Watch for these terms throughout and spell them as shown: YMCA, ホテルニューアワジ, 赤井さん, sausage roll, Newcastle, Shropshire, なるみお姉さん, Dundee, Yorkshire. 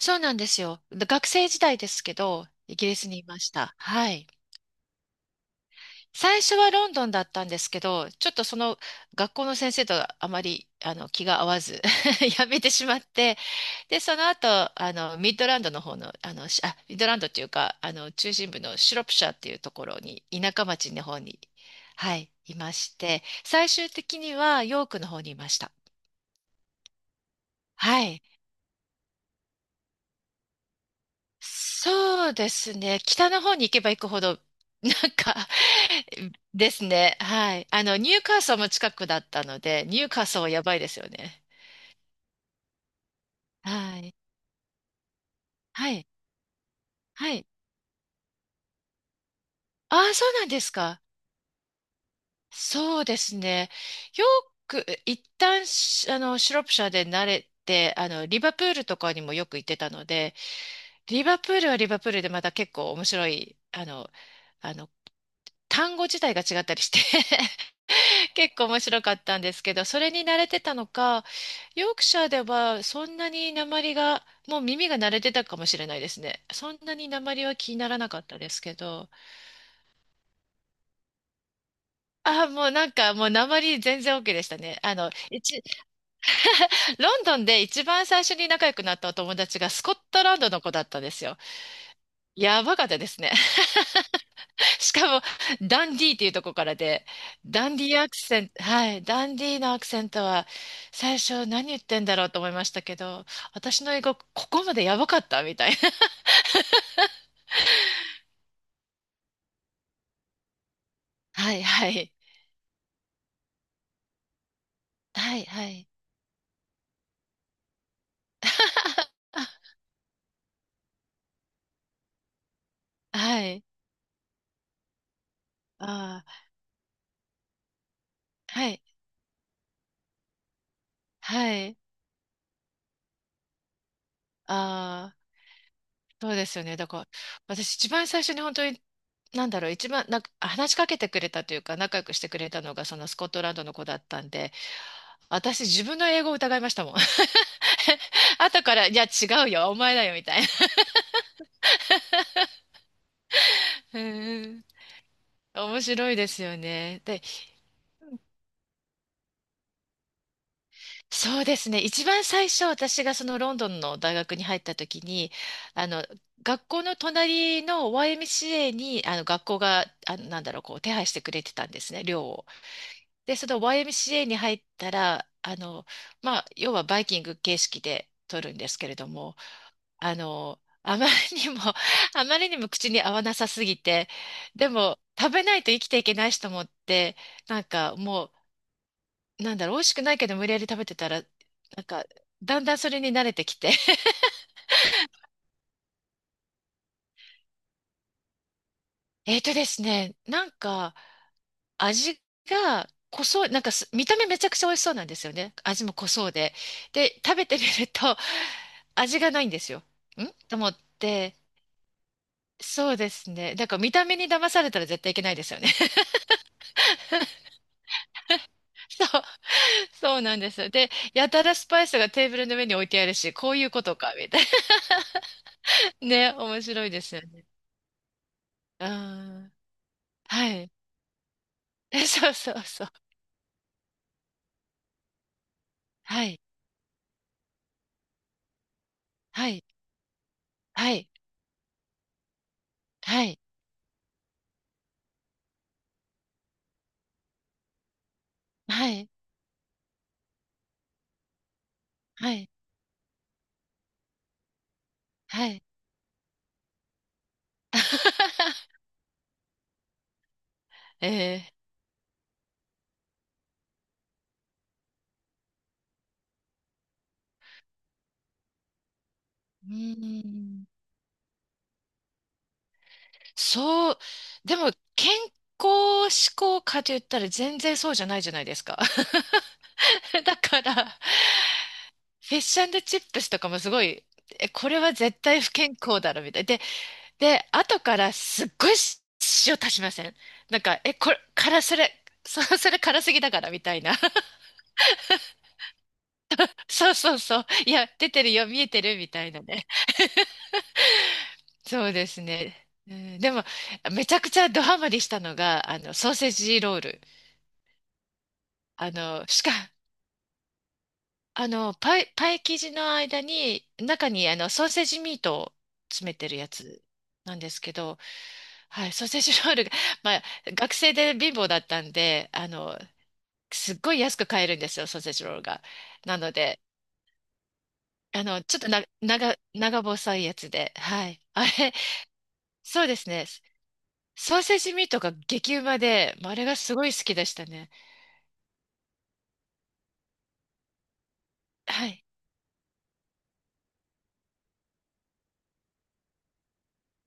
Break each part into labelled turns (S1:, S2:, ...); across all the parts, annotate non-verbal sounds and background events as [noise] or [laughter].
S1: そうなんですよ。学生時代ですけど、イギリスにいました。はい。最初はロンドンだったんですけど、ちょっとその学校の先生とあまり気が合わず [laughs] やめてしまって、で、その後、ミッドランドの方の、ミッドランドっていうか、中心部のシロプシャーっていうところに、田舎町の方に、はい、いまして、最終的にはヨークの方にいました。はい。そうですね。北の方に行けば行くほど、[laughs] なんかですね。はい。ニューカーソルも近くだったので、ニューカーソルはやばいですよね。はい。はい。はい。ああ、そうなんですか。そうですね。よく、一旦し、あの、シュロップシャーで慣れて、リバプールとかにもよく行ってたので、リバプールはリバプールでまた結構面白い、あの、単語自体が違ったりして [laughs] 結構面白かったんですけど、それに慣れてたのか、ヨークシャーではそんなに鉛が、もう耳が慣れてたかもしれないですね。そんなに鉛は気にならなかったですけど。あ、もうなんかもう鉛全然 OK でしたね。ロンドンで一番最初に仲良くなったお友達がスコットランドの子だったんですよ。やばかったですね。しかも、ダンディーっていうとこからで、ダンディーアクセント、はい、ダンディーのアクセントは、最初何言ってんだろうと思いましたけど、私の英語、ここまでやばかったみたいな。[laughs] はい、はい。はい、はい。[laughs] はい。ああ、はい、はい。あー、そうですよね。だから、私一番最初に本当に、なんだろう、一番、なんか、話しかけてくれたというか、仲良くしてくれたのが、そのスコットランドの子だったんで、私自分の英語を疑いましたもん。[laughs] 後から、いや、違うよ、お前だよ、みたいな。[laughs] うーん。面白いですよね。で、そうですね。一番最初、私がそのロンドンの大学に入った時に、あの、学校の隣の YMCA に、学校が、手配してくれてたんですね、寮を。で、その YMCA に入ったら、まあ、要はバイキング形式で取るんですけれども、あまりにも [laughs] あまりにも口に合わなさすぎて、でも食べないと生きていけないしと思って、なんかもう、なんだろう、美味しくないけど無理やり食べてたら、なんか、だんだんそれに慣れてきて。[laughs] えーとですね、なんか、味が濃そう、なんかす見た目めちゃくちゃ美味しそうなんですよね。味も濃そうで。で、食べてみると、[laughs] 味がないんですよ。んと思って、そうですね。だから見た目に騙されたら絶対いけないですよね。[laughs] そう、そうなんです。で、やたらスパイスがテーブルの上に置いてあるし、こういうことか、みたいな。[laughs] ね、面白いですよね。うん。はい。[laughs] そうそうそう。はい。はい。はい。はい。はい。はい。はい。[laughs] えー、うーん。そう。でも、健康志向かと言ったら全然そうじゃないじゃないですか。[laughs] だから、フィッシュチップスとかもすごい、え、これは絶対不健康だろ、みたいな。で、後からすっごい塩足しません？なんか、え、これ、辛それ、そ、[laughs] それ辛すぎだからみたいな。[laughs] そうそうそう。いや、出てるよ、見えてるみたいなね。そうですね。うん、でも、めちゃくちゃドハマりしたのが、ソーセージロール。あの、しか、あの、パイ、パイ生地の間に、中に、ソーセージミートを詰めてるやつなんですけど、はい、ソーセージロールが、まあ、学生で貧乏だったんで、すっごい安く買えるんですよ、ソーセージロールが。なので、あの、ちょっとな、長、長細いやつで、はい。あれ、そうですね。ソーセージミートが激うまで、まああれがすごい好きでしたね。はい。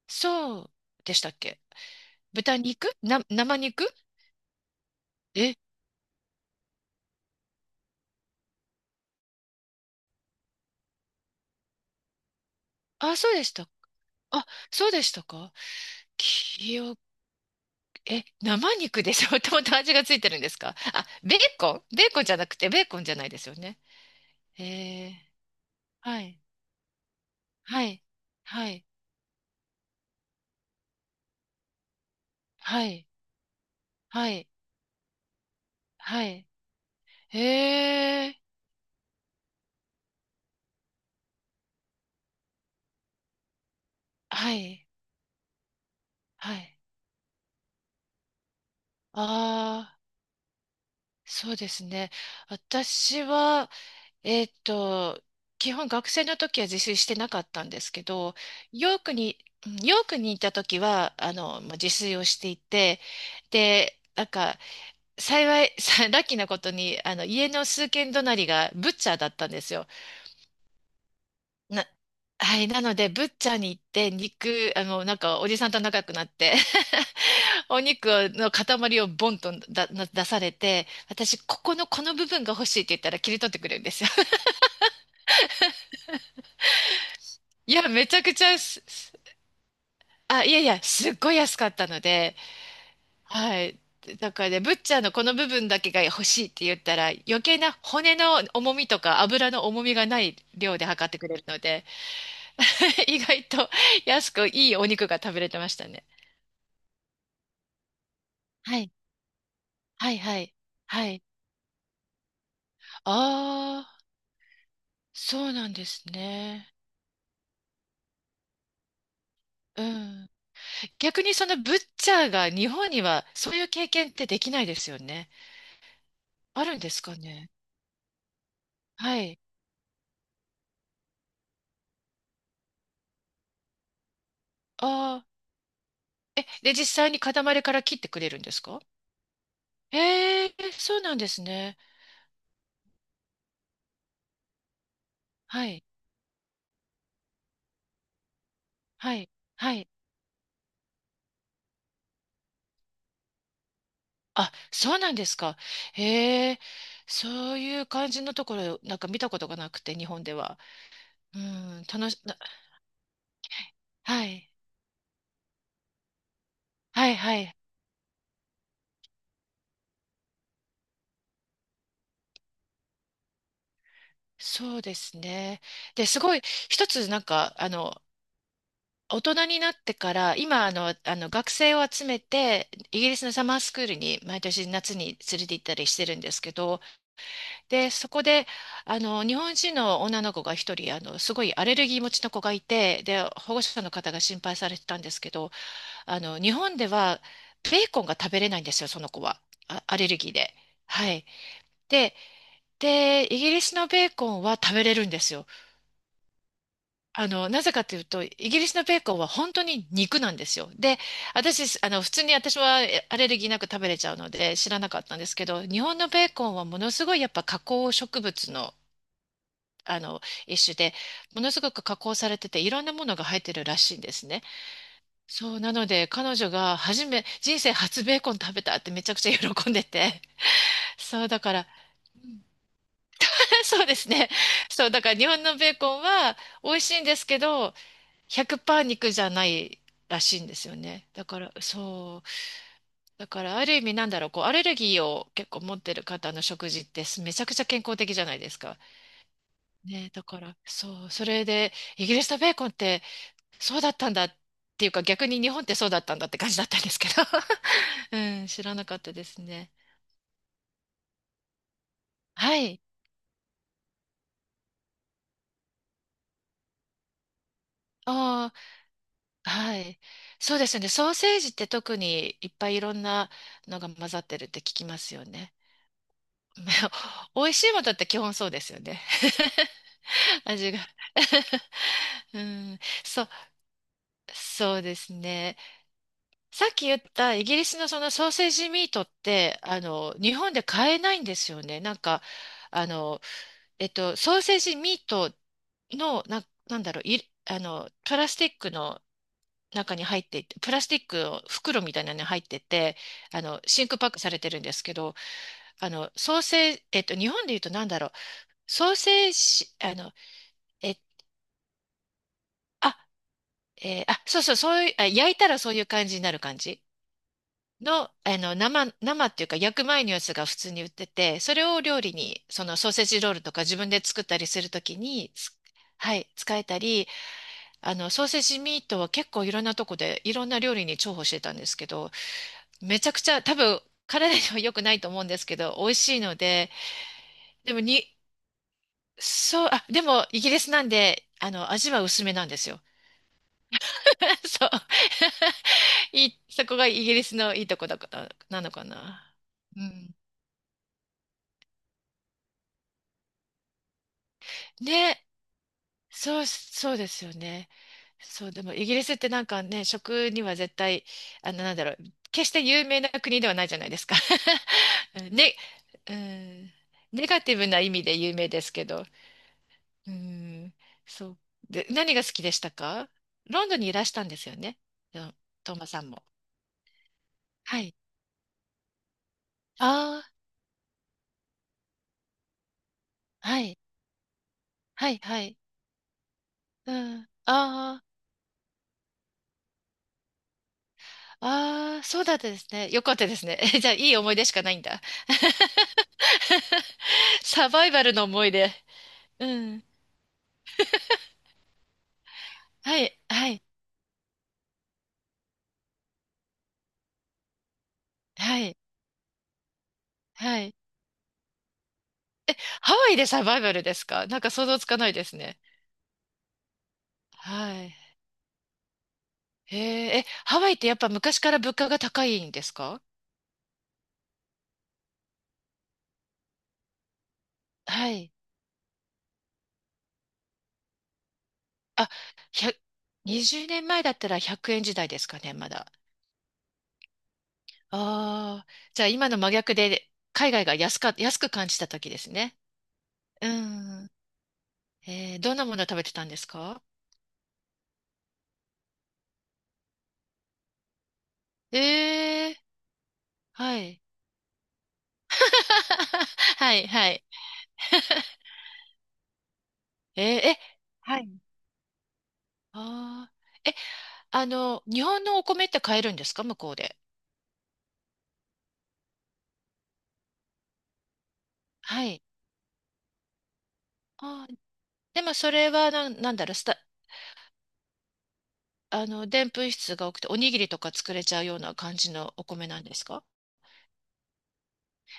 S1: そうでしたっけ？豚肉な、生肉、え、あ、そうでした。あ、そうでしたか？記憶、え、生肉でしょ？ [laughs] もともと味がついてるんですか？あ、ベーコンじゃなくて、ベーコンじゃないですよね。えー、はい。はい。はい。はい。はい、はい。へえ、はい、はい。ああ、そうですね。私は、えっと、基本学生の時は自炊してなかったんですけど、ヨークに、うんヨークにいた時は、まあ自炊をしていて、で、なんか、幸い、さラッキーなことに、家の数軒隣がブッチャーだったんですよ。な、はい、なので、ブッチャーに行って、肉、なんか、おじさんと仲良くなって [laughs] お肉の塊をボンと出されて、私、ここの、この部分が欲しいって言ったら切り取ってくれるんですよ。[laughs] いや、めちゃくちゃす、すあ、いやいや、すっごい安かったので、はい。だからね、ブッチャーのこの部分だけが欲しいって言ったら、余計な骨の重みとか油の重みがない量で測ってくれるので、[laughs] 意外と安くいいお肉が食べれてましたね。はいはいはい。はい。ああ、そうなんですね。うん。逆にそのブッチャーが日本にはそういう経験ってできないですよね。あるんですかね。はい。ああ。え、で、実際に塊から切ってくれるんですか？へえ、そうなんですね。はい。はい。はい。あ、そうなんですか？へえ、そういう感じのところ、なんか見たことがなくて、日本では。うん、楽し、な、はい。はいはい、そうですね。で、すごい、一つなんか、大人になってから、今、学生を集めて、イギリスのサマースクールに毎年夏に連れて行ったりしてるんですけど、で、そこで、日本人の女の子が一人、すごいアレルギー持ちの子がいて、で、保護者の方が心配されてたんですけど、日本では、ベーコンが食べれないんですよ、その子は。あ、アレルギーで。はい。で、で、イギリスのベーコンは食べれるんですよ。なぜかというと、イギリスのベーコンは本当に肉なんですよ。で、私、あの、普通に私はアレルギーなく食べれちゃうので知らなかったんですけど、日本のベーコンはものすごいやっぱ加工植物の、あの、一種で、ものすごく加工されてて、いろんなものが入ってるらしいんですね。そう、なので、彼女が人生初ベーコン食べたってめちゃくちゃ喜んでて。そう、だから、[laughs] そうですね。そう、だから日本のベーコンは美味しいんですけど、100%肉じゃないらしいんですよね。だから、そう。だから、ある意味なんだろう、こう、アレルギーを結構持ってる方の食事ってめちゃくちゃ健康的じゃないですか。ね、だから、そう。それで、イギリスのベーコンってそうだったんだっていうか、逆に日本ってそうだったんだって感じだったんですけど。[laughs] うん、知らなかったですね。はい。ああ、はい。そうですね。ソーセージって特にいっぱいいろんなのが混ざってるって聞きますよね。[laughs] 美味しいものって基本そうですよね。[laughs] 味が [laughs] うん、そう、そうですね。さっき言ったイギリスのそのソーセージミートって、日本で買えないんですよね。なんか、あの、ソーセージミートの、なんだろう、い、あの、プラスチックの中に入っていて、プラスチックの袋みたいなのに入ってて、真空パックされてるんですけど、ソーセージ、日本で言うとなんだろう、ソーセージ、あの、え、あ、えーあ、そうそう、そういう、あ、焼いたらそういう感じになる感じの、生っていうか焼く前のやつが普通に売ってて、それを料理に、そのソーセージロールとか自分で作ったりするときに、はい、使えたり、ソーセージミートは結構いろんなとこでいろんな料理に重宝してたんですけど、めちゃくちゃ多分体には良くないと思うんですけど、美味しいので、でもに、そう、あ、でもイギリスなんで、味は薄めなんですよ。[laughs] そう。[laughs] そこがイギリスのいいとこだから、なのかな。うん。ね、そう、そうですよね。そう、でもイギリスってなんかね、食には絶対、なんだろう、決して有名な国ではないじゃないですか。[laughs] ね、うん、ネガティブな意味で有名ですけど。うん、そう。で、何が好きでしたか？ロンドンにいらしたんですよね。うん、トーマさんも。はい。ああ、はい、はい、はい。うん。ああ、ああ、そうだったですね。よかったですね。[laughs] じゃあ、いい思い出しかないんだ。[laughs] サバイバルの思い出。うん。はい、はい、はい、はい。え、ハワイでサバイバルですか？なんか想像つかないですね。はい。へえ、え、ハワイってやっぱ昔から物価が高いんですか？はい。あ、1 20年前だったら100円時代ですかね、まだ。ああ、じゃあ今の真逆で海外が安く感じた時ですね。うん。どんなものを食べてたんですか？えー、はい。[laughs] はい、はい。[laughs] えー、え、はい。あーえ、あの、日本のお米って買えるんですか、向こうで？はい。あー、でもそれはなんだろう、スタ、あの、でんぷん質が多くて、おにぎりとか作れちゃうような感じのお米なんですか？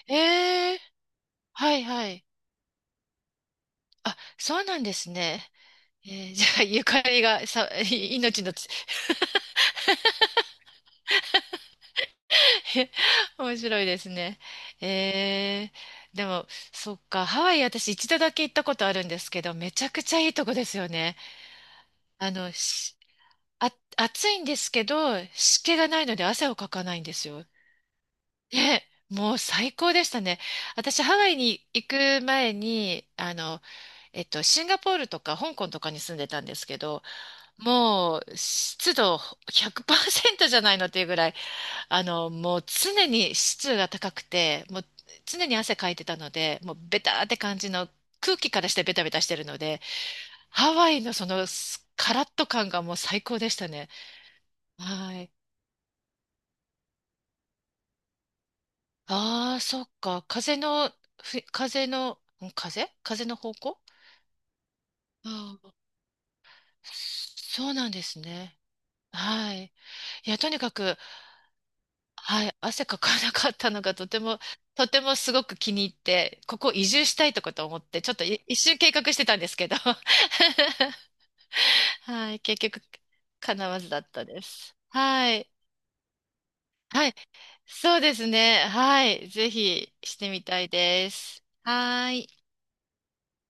S1: えーはいはい。あ、そうなんですね。じゃあ、ゆかりがさ、[laughs] 命の [laughs] 面白いですね。えでも、そっか、ハワイ私一度だけ行ったことあるんですけど、めちゃくちゃいいとこですよね。あの、しあ、暑いんですけど、湿気がないので汗をかかないんですよ。ね、もう最高でしたね。私、ハワイに行く前に、シンガポールとか香港とかに住んでたんですけど、もう湿度100%じゃないのっていうぐらい、もう常に湿度が高くて、もう常に汗かいてたので、もうベターって感じの空気からしてベタベタしてるので、ハワイのそのカラッと感がもう最高でしたね。はい。ああ、そっか。風の、ふ風の、ん風風の方向、ああ、そうなんですね。はい。いや、とにかく、はい、汗かかなかったのがとても、とてもすごく気に入って、ここ移住したいとかと思って、ちょっと一周計画してたんですけど、[laughs] はい、結局、叶わずだったです。はい、はい、そうですね、はい、ぜひしてみたいです。はい。